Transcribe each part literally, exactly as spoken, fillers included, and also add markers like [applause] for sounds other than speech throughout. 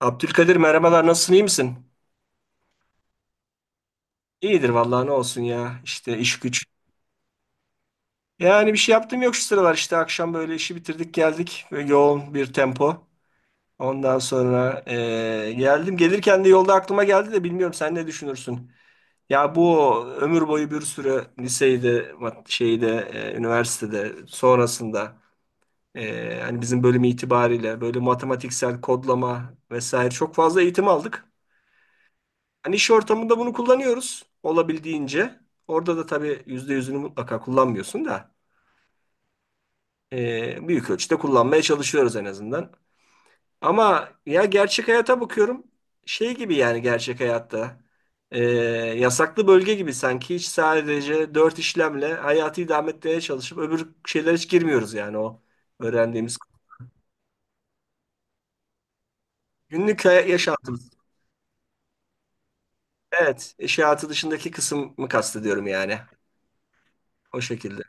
Abdülkadir merhabalar, nasılsın, iyi misin? İyidir vallahi, ne olsun ya, işte iş güç. Yani bir şey yaptım yok şu sıralar, işte akşam böyle işi bitirdik geldik, böyle yoğun bir tempo. Ondan sonra eee, geldim, gelirken de yolda aklıma geldi de, bilmiyorum sen ne düşünürsün? Ya bu ömür boyu bir sürü liseyde mat- şeyde eee, üniversitede, sonrasında eee, hani bizim bölüm itibariyle böyle matematiksel kodlama vesaire çok fazla eğitim aldık. Hani iş ortamında bunu kullanıyoruz olabildiğince. Orada da tabii yüzde yüzünü mutlaka kullanmıyorsun da e, büyük ölçüde kullanmaya çalışıyoruz en azından. Ama ya gerçek hayata bakıyorum, şey gibi yani, gerçek hayatta e, yasaklı bölge gibi sanki, hiç sadece dört işlemle hayatı idame etmeye çalışıp öbür şeylere hiç girmiyoruz yani, o öğrendiğimiz. Günlük hay- yaşantımız. Evet, iş hayatı dışındaki kısmı kastediyorum yani. O şekilde.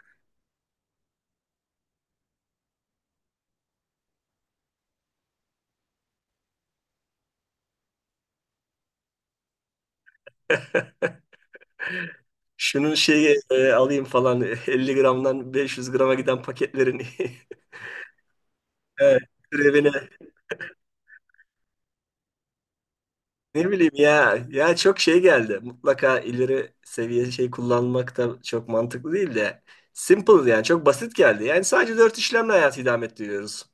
Şunun şeyi e, alayım falan [laughs] elli gramdan beş yüz grama giden paketlerin [laughs] Evet, türevine, ne bileyim ya, ya çok şey geldi. Mutlaka ileri seviye şey kullanmak da çok mantıklı değil de, simple yani, çok basit geldi. Yani sadece dört işlemle hayatı idame ettiriyoruz.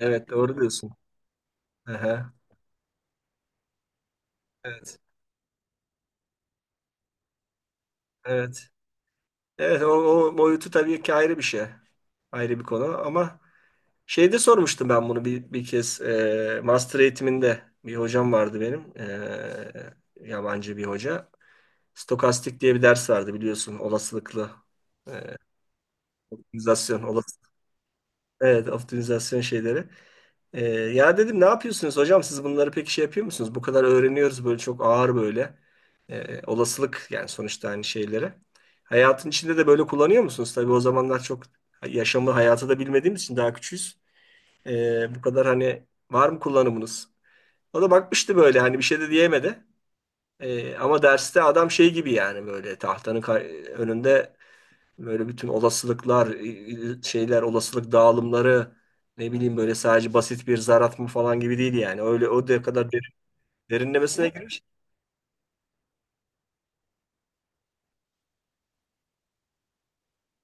Evet, doğru diyorsun. Aha, evet. Evet. Evet o, o boyutu tabii ki ayrı bir şey. Ayrı bir konu ama şeyde sormuştum ben bunu bir, bir kez, e, master eğitiminde bir hocam vardı benim. E, yabancı bir hoca. Stokastik diye bir ders vardı biliyorsun, olasılıklı e, optimizasyon, olası, evet optimizasyon şeyleri. Ee, ya dedim, ne yapıyorsunuz hocam, siz bunları pek şey yapıyor musunuz? Bu kadar öğreniyoruz böyle, çok ağır böyle. Ee, olasılık yani sonuçta, aynı şeylere. Hayatın içinde de böyle kullanıyor musunuz? Tabii o zamanlar çok yaşamı hayatı da bilmediğimiz için, daha küçüğüz. Ee, bu kadar hani var mı kullanımınız? O da bakmıştı böyle, hani bir şey de diyemedi. Ee, ama derste adam şey gibi yani, böyle tahtanın kar- önünde, böyle bütün olasılıklar, e, şeyler, olasılık dağılımları, ne bileyim, böyle sadece basit bir zar atma falan gibi değil yani. Öyle o da kadar derin- derinlemesine girmiş.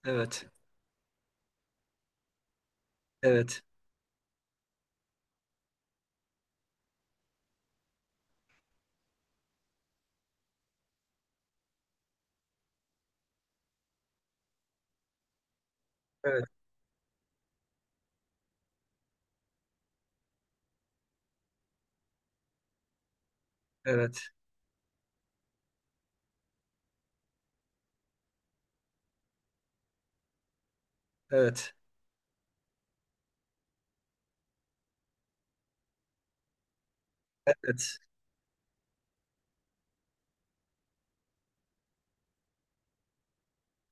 Evet. Evet. Evet. Evet. Evet. Evet.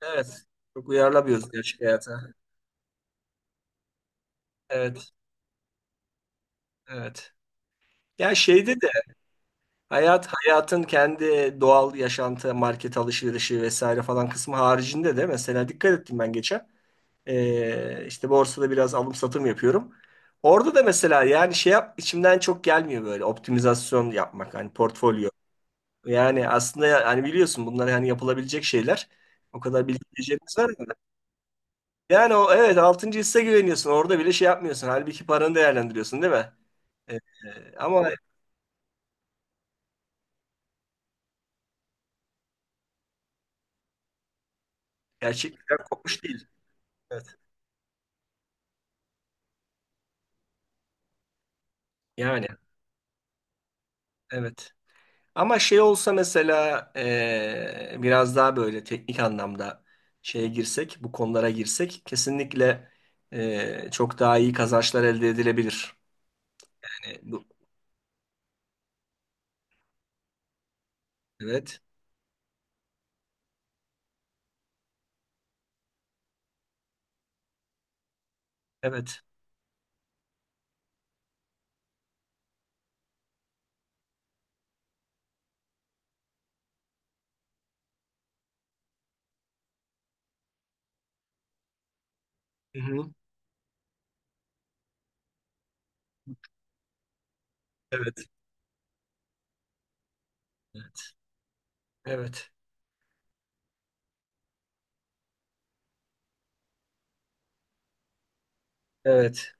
Evet. Çok uyarlamıyoruz gerçek hayata. Evet. Evet. Ya şeyde de hayat hayatın kendi doğal yaşantı, market alışverişi vesaire falan kısmı haricinde de mesela, dikkat ettim ben geçen. Ee, işte borsada biraz alım satım yapıyorum. Orada da mesela yani şey yap, içimden çok gelmiyor böyle optimizasyon yapmak, hani portfolyo. Yani aslında ya- hani biliyorsun bunlar yani yapılabilecek şeyler. O kadar bilgilerimiz var mı? Yani o, evet altıncı hisse güveniyorsun. Orada bile şey yapmıyorsun. Halbuki paranı değerlendiriyorsun değil mi? Ee, Ama gerçekten kopmuş değil. Evet. Yani evet. Ama şey olsa mesela eee, biraz daha böyle teknik anlamda şeye girsek, bu konulara girsek kesinlikle eee, çok daha iyi kazançlar elde edilebilir. Yani bu, evet, evet, hı-hı, evet, evet, evet, evet.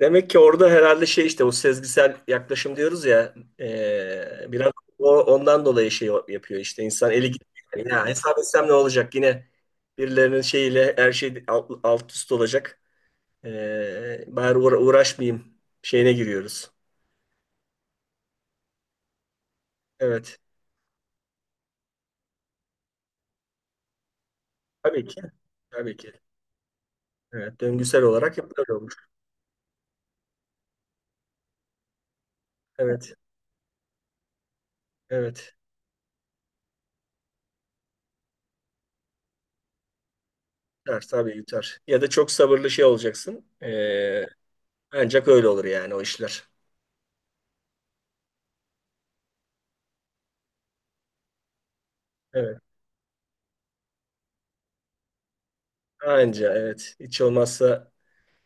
Demek ki orada herhalde şey, işte o sezgisel yaklaşım diyoruz ya, eee, biraz o, ondan dolayı şey yapıyor, işte insan eli gidiyor. Yani, ya hesap etsem ne olacak, yine birilerinin şeyiyle her şey alt, alt üst olacak. Ee, bari uğra- uğraşmayayım şeyine giriyoruz. Evet. Tabii ki. Tabii ki. Evet. Döngüsel olarak hep böyle olmuş. Evet. Evet. Yutar, tabii yutar. Ya da çok sabırlı şey olacaksın. Ee, ancak öyle olur yani o işler. Evet. Anca, evet. Hiç olmazsa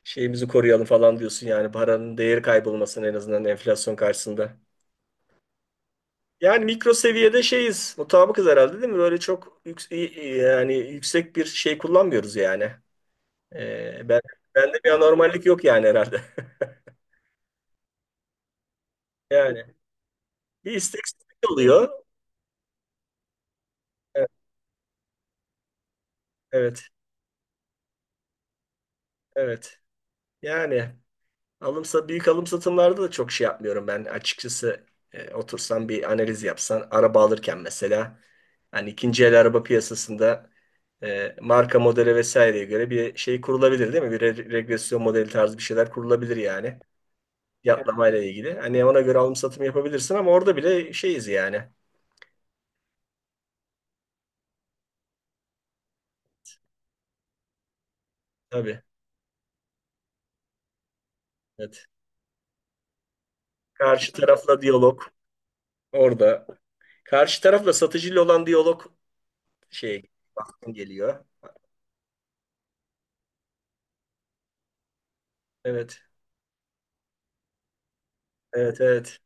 şeyimizi koruyalım falan diyorsun yani, paranın değeri kaybolmasın en azından enflasyon karşısında. Yani mikro seviyede şeyiz. Mutabıkız herhalde değil mi? Böyle çok yük- yani yüksek bir şey kullanmıyoruz yani. Ee, ben, Bende bir anormallik yok yani herhalde. [laughs] Yani bir isteksizlik oluyor. Evet, evet. Evet. Yani alımsa büyük alım satımlarda da çok şey yapmıyorum ben açıkçası. E, otursan bir analiz yapsan, araba alırken mesela, hani ikinci el araba piyasasında e, marka modele vesaireye göre bir şey kurulabilir değil mi? Bir re- regresyon modeli tarzı bir şeyler kurulabilir yani. Fiyatlamayla ilgili. Hani ona göre alım satım yapabilirsin ama orada bile şeyiz yani. Tabii. Evet. Karşı tarafla diyalog orada. Karşı tarafla, satıcıyla olan diyalog şey, baktım geliyor. Evet. Evet, evet.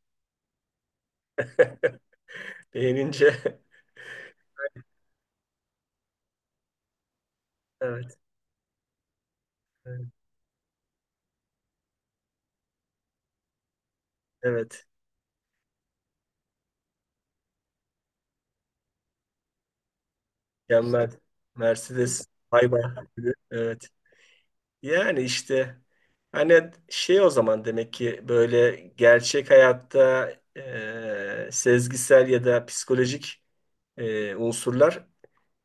[laughs] Beğenince [laughs] evet. Evet. Evet. Mükemmel. Mercedes bay bay. Evet. Yani işte hani şey, o zaman demek ki böyle gerçek hayatta e, sezgisel ya da psikolojik e, unsurlar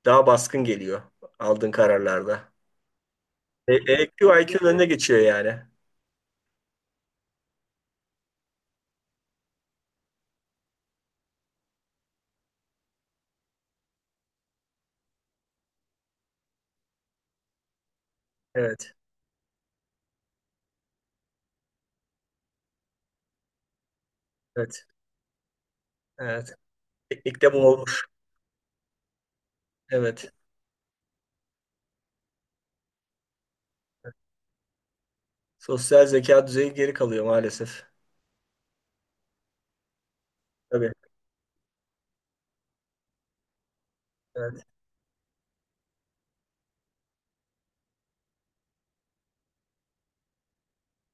daha baskın geliyor aldığın kararlarda. E, EQ I Q'nun önüne geçiyor yani. Evet. Evet. Evet. Teknikte bu olmuş. Evet. Sosyal zeka düzeyi geri kalıyor maalesef. Tabii. Evet.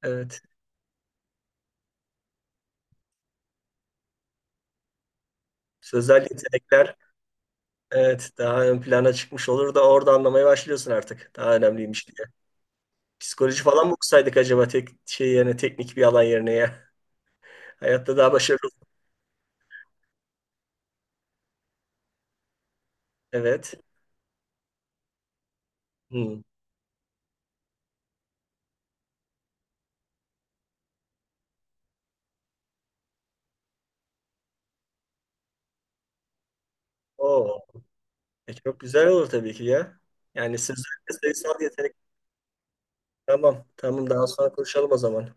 Evet. Sözel yetenekler evet, daha ön plana çıkmış olur da, orada anlamaya başlıyorsun artık. Daha önemliymiş diye. Psikoloji falan mı okusaydık acaba, tek şey yani, teknik bir alan yerine ya. [laughs] Hayatta daha başarılı. Evet. Hmm. Oo. E, çok güzel olur tabii ki ya. Yani sözel ve sayısal yetenek. Tamam. Tamam, daha sonra konuşalım o zaman.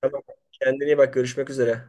Tamam. Kendine iyi bak. Görüşmek üzere.